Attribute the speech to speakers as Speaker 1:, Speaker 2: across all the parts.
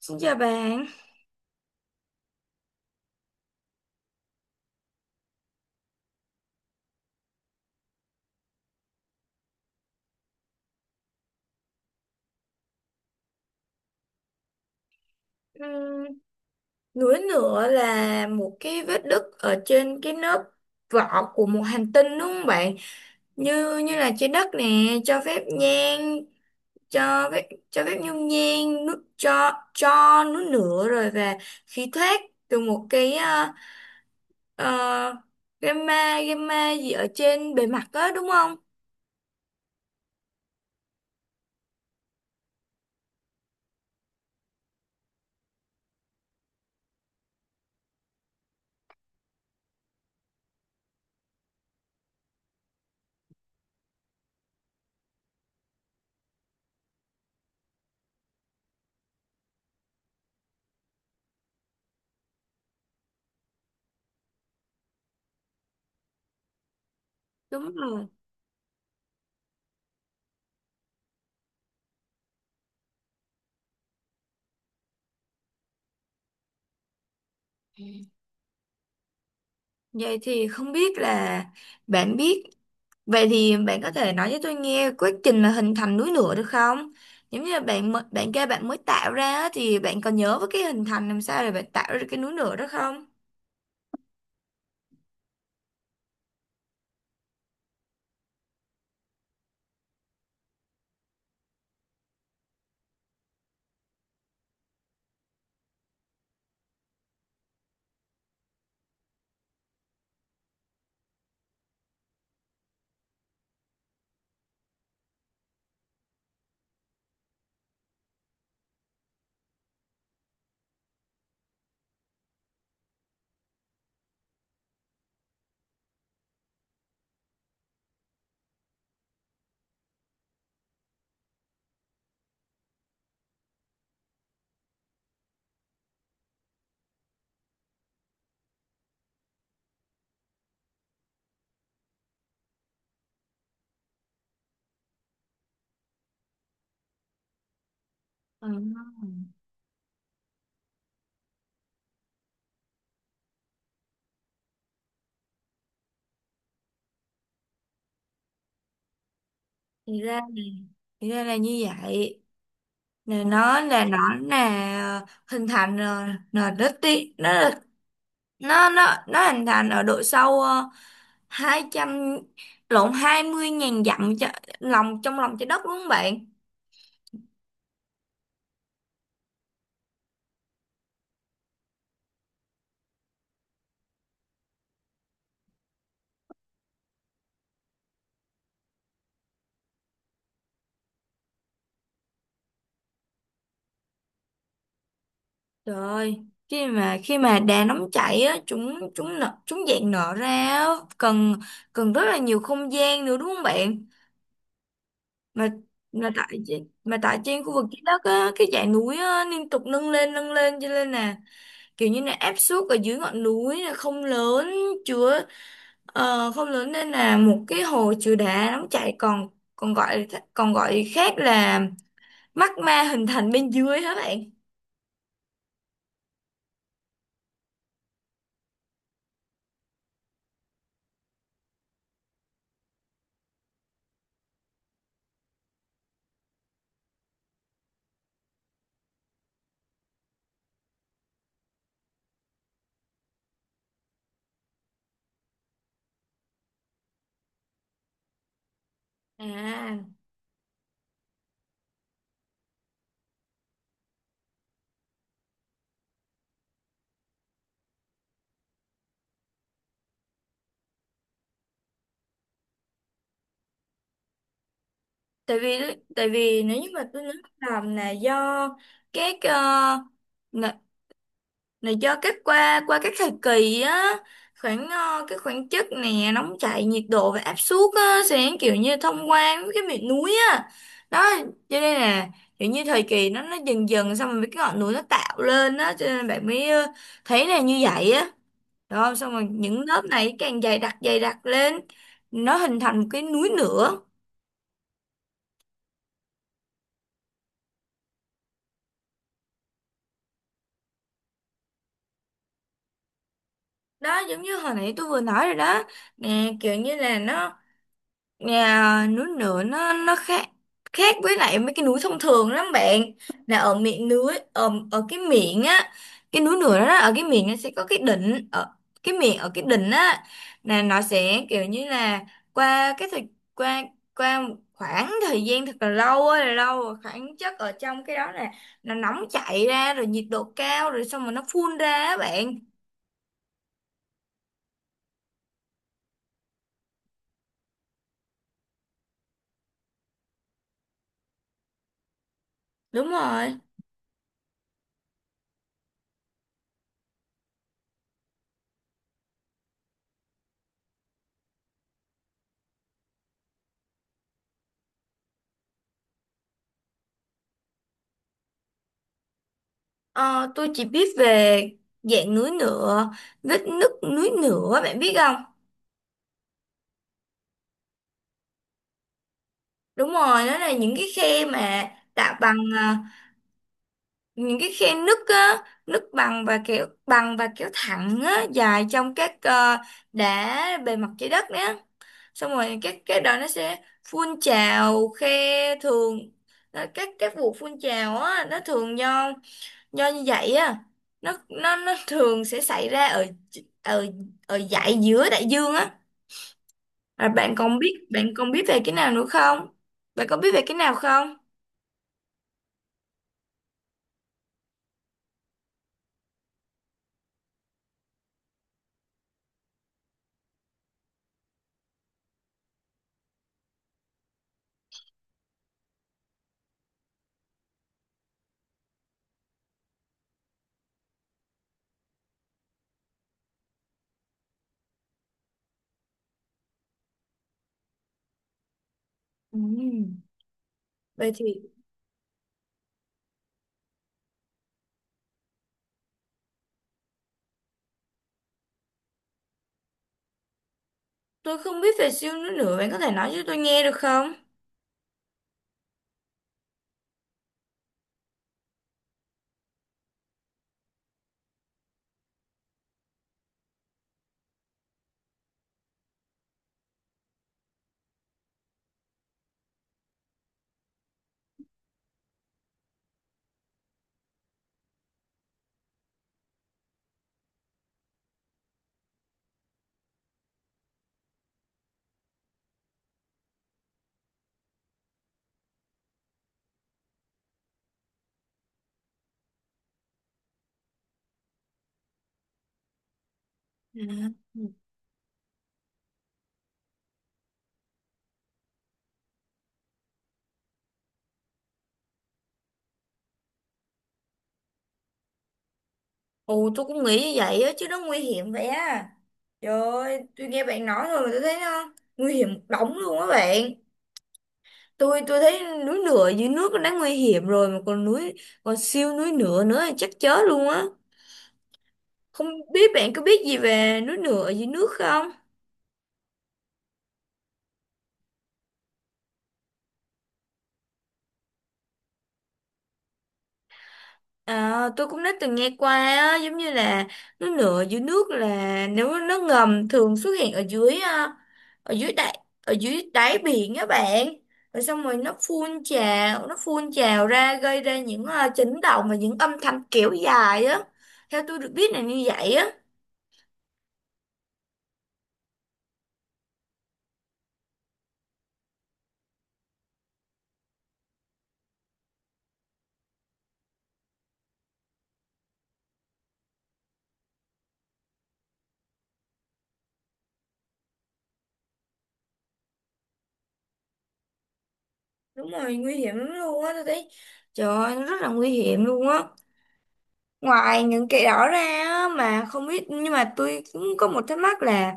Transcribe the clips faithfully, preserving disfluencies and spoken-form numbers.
Speaker 1: Xin chào bạn. Ừm, Núi lửa là một cái vết nứt ở trên cái lớp vỏ của một hành tinh, đúng không bạn? Như như là trái đất nè, cho phép nhang, cho phép cho phép nhung nhang, nước cho cho núi lửa rồi và khí thoát từ một cái ờ, ờ, gamma gamma gì ở trên bề mặt đó, đúng không? Đúng rồi. Vậy thì không biết là bạn biết Vậy thì bạn có thể nói cho tôi nghe quá trình là hình thành núi lửa được không? Giống như là bạn mới- bạn kêu bạn mới tạo ra á, thì bạn còn nhớ với cái hình thành làm sao để bạn tạo ra cái núi lửa đó không? Ừ. Thì ra, thì ra là như vậy. Là nó là nó là hình thành ờ, là đất đi nó là- nó nó nó hình thành ở độ sâu ờ, hai trăm lộn hai mươi ngàn dặm, cho, lòng trong lòng trái đất, đúng không bạn? Trời ơi, khi mà khi mà đà nóng chảy á, chúng chúng nở, chúng dạng nở ra á, cần cần rất là nhiều không gian nữa, đúng không bạn? Mà mà tại trên- mà tại trên khu vực trái đất á, cái dãy núi á liên tục nâng lên nâng lên, cho nên là kiểu như là áp suất ở dưới ngọn núi là không lớn, chứa ờ, không lớn, nên là một cái hồ chứa đá nóng chảy, còn còn gọi còn gọi khác là magma, hình thành bên dưới, hả bạn? À, tại vì tại vì nếu như mà tôi nói, làm là do các ờ, là, là do các qua qua các thời kỳ á, khoảng ờ, cái khoảng chất nè, nóng chảy, nhiệt độ và áp suất á, sẽ kiểu như thông qua với cái miệng núi á. Đó, cho nên là kiểu như thời kỳ, nó nó dần dần, xong rồi mấy cái ngọn núi nó tạo lên á, cho nên bạn mới ờ, thấy là như vậy á. Đó, xong rồi những lớp này càng dày đặc dày đặc lên, nó hình thành một cái núi nữa. Đó, giống như hồi nãy tôi vừa nói rồi đó nè, kiểu như là nó, nhà núi lửa nó nó khác khác với lại mấy cái núi thông thường lắm bạn. Là ở miệng núi, ở, ở cái miệng á, cái núi lửa đó, ở cái miệng nó sẽ có cái đỉnh, ở cái miệng, ở cái đỉnh á, là nó sẽ kiểu như là, qua cái thời qua qua một khoảng thời gian thật là lâu á, là lâu rồi, khoảng chất ở trong cái đó là nó nóng chảy ra rồi, nhiệt độ cao rồi, xong rồi nó phun ra á bạn. Đúng rồi. Ờ, tôi chỉ biết về dạng núi lửa vết nứt, núi lửa, bạn biết không? Đúng rồi, đó là những cái khe mà tạo bằng à, những cái khe nứt á, nứt bằng và kéo bằng và kéo thẳng á, dài trong các ờ, đá bề mặt trái đất á. Xong rồi các cái đó nó sẽ phun trào khe thường, ờ, các các vụ phun trào á, nó thường do do như vậy á, nó nó nó thường sẽ xảy ra ở, ở ở dải giữa đại dương á. Và bạn còn biết bạn còn biết về cái nào nữa không, bạn có biết về cái nào không? Ừ. Vậy thì tôi không biết về siêu nữa nữa, bạn có thể nói cho tôi nghe được không? À. Ồ, tôi cũng nghĩ như vậy á, chứ nó nguy hiểm vậy á. Trời ơi, tôi nghe bạn nói rồi mà tôi thấy nó nguy hiểm đóng luôn á bạn. Tôi tôi thấy núi lửa dưới nước nó đã nguy hiểm rồi, mà còn núi còn siêu núi lửa nữa thì chắc chết luôn á. Không biết bạn có biết gì về núi lửa dưới nước không? À, tôi cũng đã từng nghe qua á. Giống như là núi lửa dưới nước là nếu nó ngầm, thường xuất hiện ở dưới à, ở dưới đáy ở dưới đáy biển á bạn. Rồi xong rồi nó phun trào nó phun trào ra, gây ra những à, chấn động và những âm thanh kéo dài á. Theo tôi được biết là như vậy á. Đúng rồi, nguy hiểm lắm luôn á, tôi thấy. Trời ơi, nó rất là nguy hiểm luôn á. Ngoài những cái đó ra á, mà không biết, nhưng mà tôi cũng có một thắc mắc là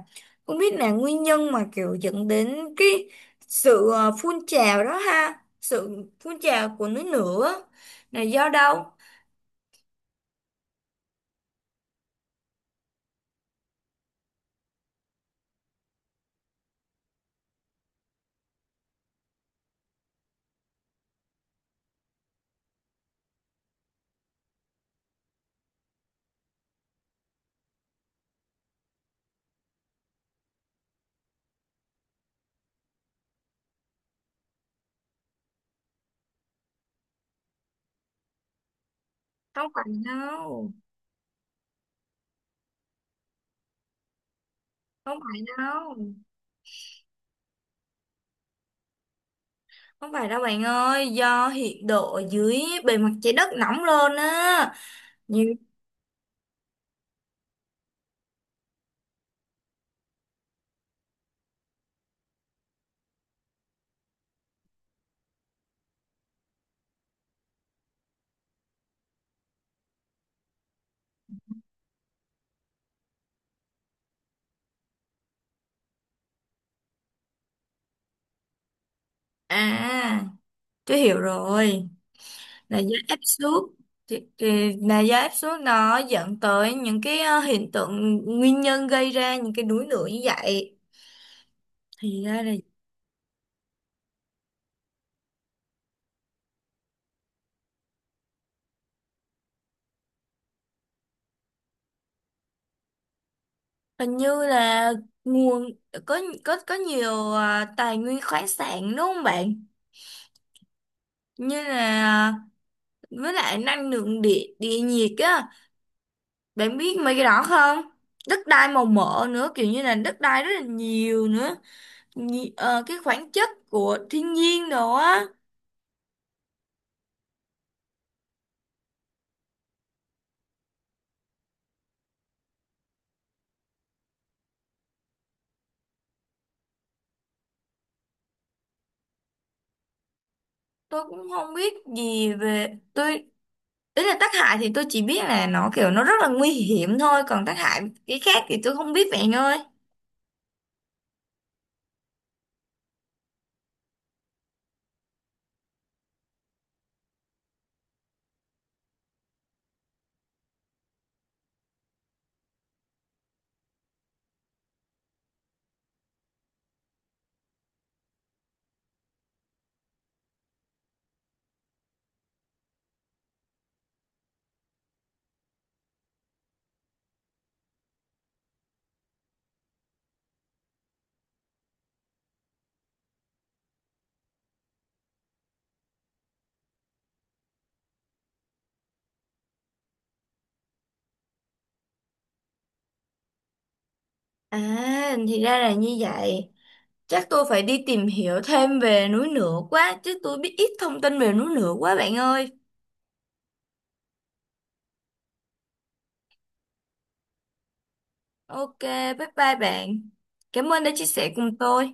Speaker 1: không biết là nguyên nhân mà kiểu dẫn đến cái sự ờ, phun trào đó ha, sự phun trào của núi lửa là do đâu? Không phải đâu, không phải đâu, không phải đâu bạn ơi, do nhiệt độ ở dưới bề mặt trái đất nóng lên á. Như... À, tôi hiểu rồi. Là do áp suất. thì, thì là do áp suất nó dẫn tới những cái ờ, hiện tượng, nguyên nhân gây ra những cái đuối nước như vậy. Thì ra là, hình như là nguồn, có có có nhiều ờ, tài nguyên khoáng sản, đúng không bạn? Như là, với lại năng lượng địa địa nhiệt á, bạn biết mấy cái đó không? Đất đai màu mỡ nữa, kiểu như là đất đai rất là nhiều nữa. Nhi- ờ, cái khoáng chất của thiên nhiên đồ á. Tôi cũng không biết gì về tôi Ý là tác hại thì tôi chỉ biết là nó kiểu nó rất là nguy hiểm thôi, còn tác hại cái khác thì tôi không biết vậy anh ơi. À, thì ra là như vậy. Chắc tôi phải đi tìm hiểu thêm về núi lửa quá, chứ tôi biết ít thông tin về núi lửa quá bạn ơi. OK, bye bye bạn, cảm ơn đã chia sẻ cùng tôi.